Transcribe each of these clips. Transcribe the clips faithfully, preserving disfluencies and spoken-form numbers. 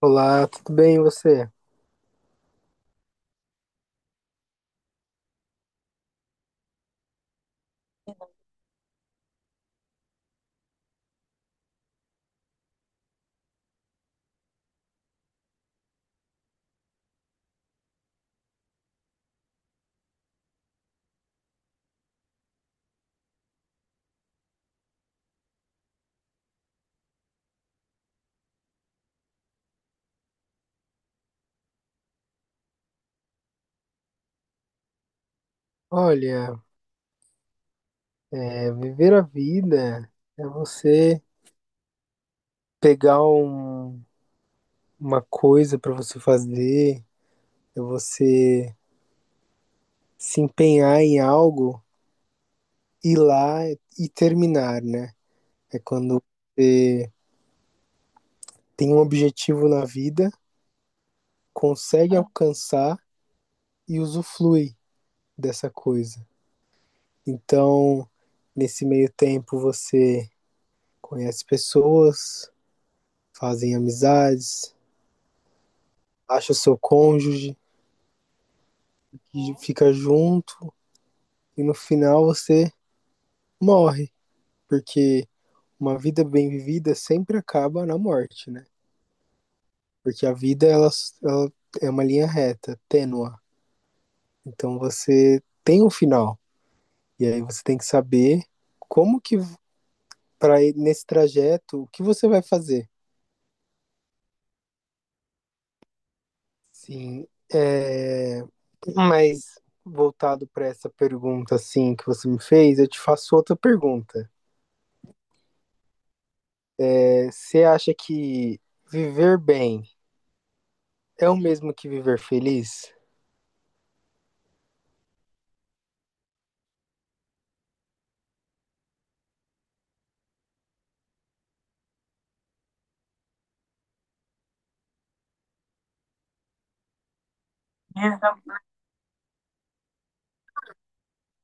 Olá, tudo bem e você? Olha, é, viver a vida é você pegar um- uma coisa para você fazer, é você se empenhar em algo, ir lá e terminar, né? É quando você tem um objetivo na vida, consegue alcançar e usufrui dessa coisa. Então, nesse meio tempo, você conhece pessoas, fazem amizades acha o seu cônjuge, fica junto e no final você morre, porque uma vida bem vivida sempre acaba na morte, né? Porque a vida ela, ela é uma linha reta, tênua. Então você tem um final e aí você tem que saber como que para nesse trajeto o que você vai fazer. Sim, é... mas voltado para essa pergunta assim que você me fez, eu te faço outra pergunta. Você acha que viver bem é o mesmo que viver feliz?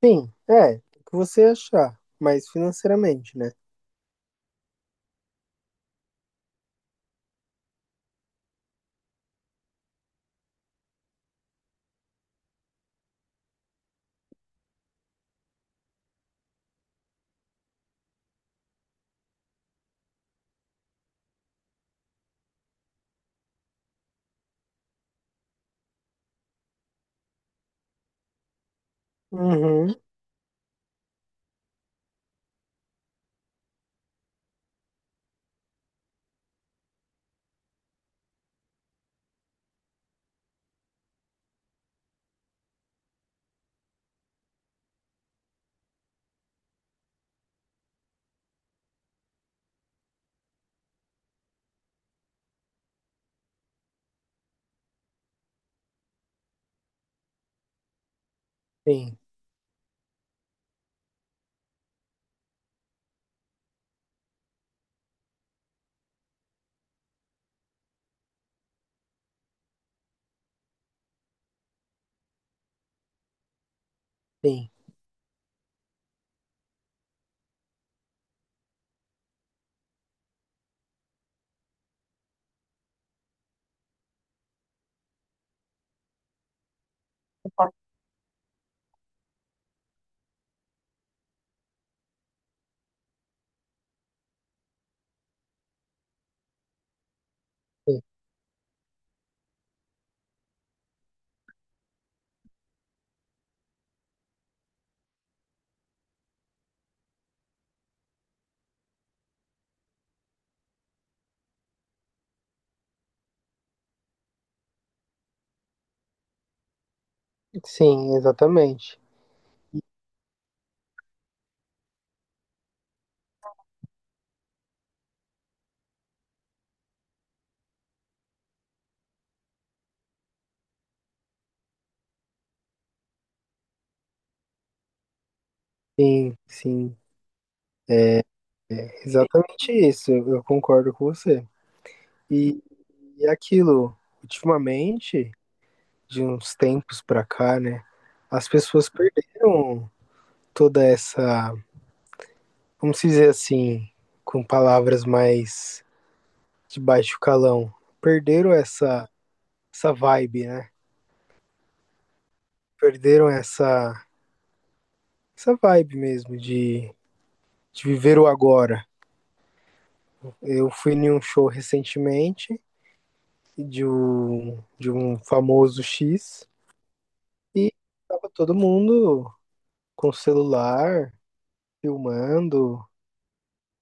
Sim, é. O que você achar, mas financeiramente, né? Uhum. Sim, sim, sim. Sim, exatamente. Sim, sim. Exatamente isso. Eu concordo com você. E, e aquilo, ultimamente, de uns tempos pra cá, né? As pessoas perderam toda essa, vamos dizer assim, com palavras mais de baixo calão perderam essa, essa vibe, né? Perderam essa, essa vibe mesmo de, de viver o agora. Eu fui em um show recentemente de um, de um famoso X e tava todo mundo com o celular, filmando,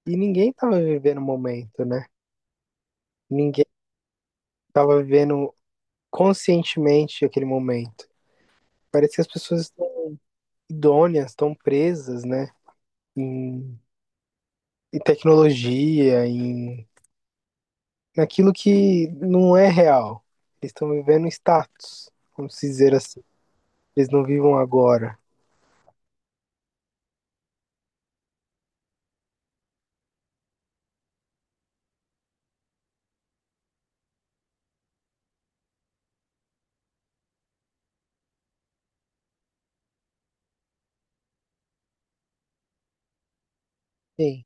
e ninguém tava vivendo o momento, né? Ninguém tava vivendo conscientemente aquele momento. Parece que as pessoas estão idôneas, estão presas, né? Em em tecnologia, em naquilo que não é real. Eles estão vivendo status, vamos dizer assim. Eles não vivam agora. Sim.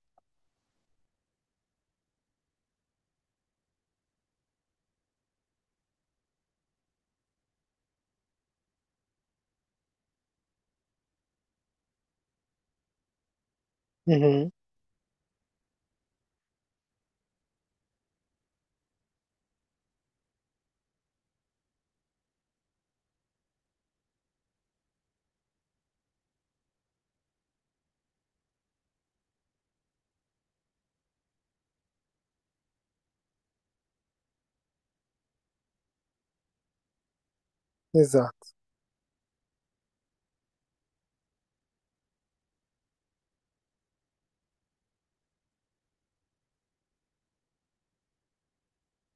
Uhum, exato.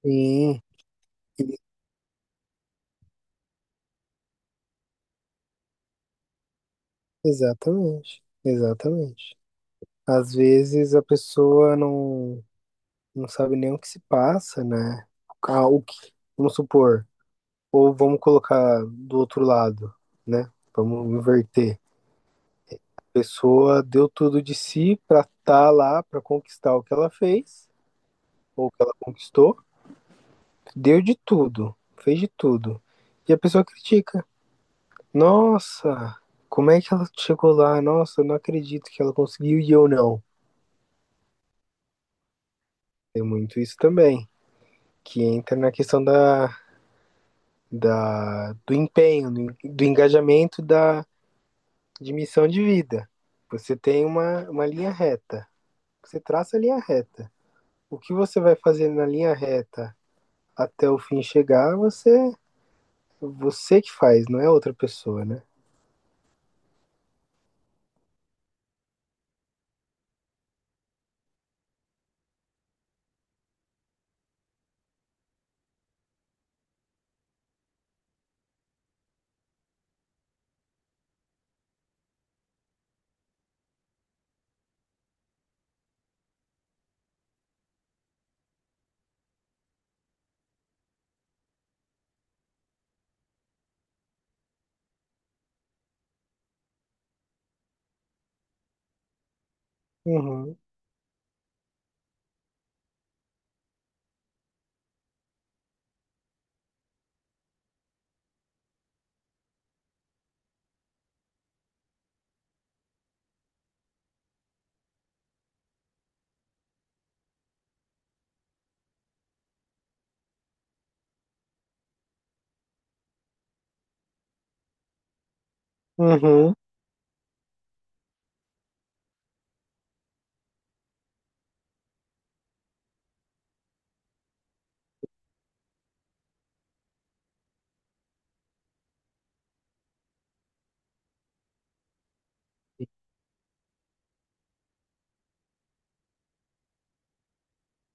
Sim, exatamente. Exatamente. Às vezes a pessoa não, não sabe nem o que se passa, né? Ah, o que, vamos supor, ou vamos colocar do outro lado, né? Vamos inverter. A pessoa deu tudo de si pra estar lá, pra conquistar o que ela fez. Ou que ela conquistou, deu de tudo, fez de tudo. E a pessoa critica. Nossa, como é que ela chegou lá? Nossa, eu não acredito que ela conseguiu e eu não. Tem muito isso também, que entra na questão da, da, do empenho, do, do engajamento, da de missão de vida. Você tem uma, uma linha reta. Você traça a linha reta. O que você vai fazer na linha reta até o fim chegar, você você que faz, não é outra pessoa, né? Uhum. Uhum.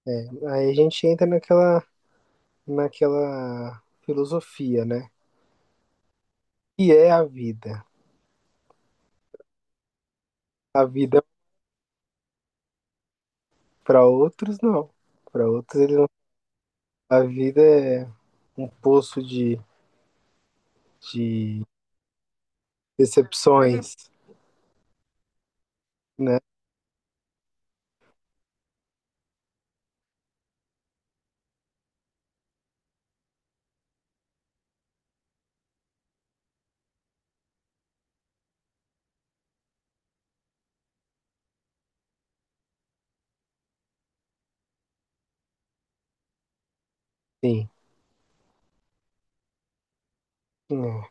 É, aí a gente entra naquela, naquela filosofia, né? Que é a vida. A vida para outros não. Para outros eles não. A vida é um poço de, de decepções, né? Sim. É. Então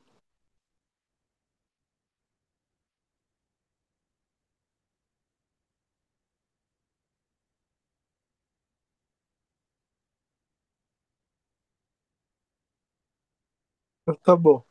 Tá bom.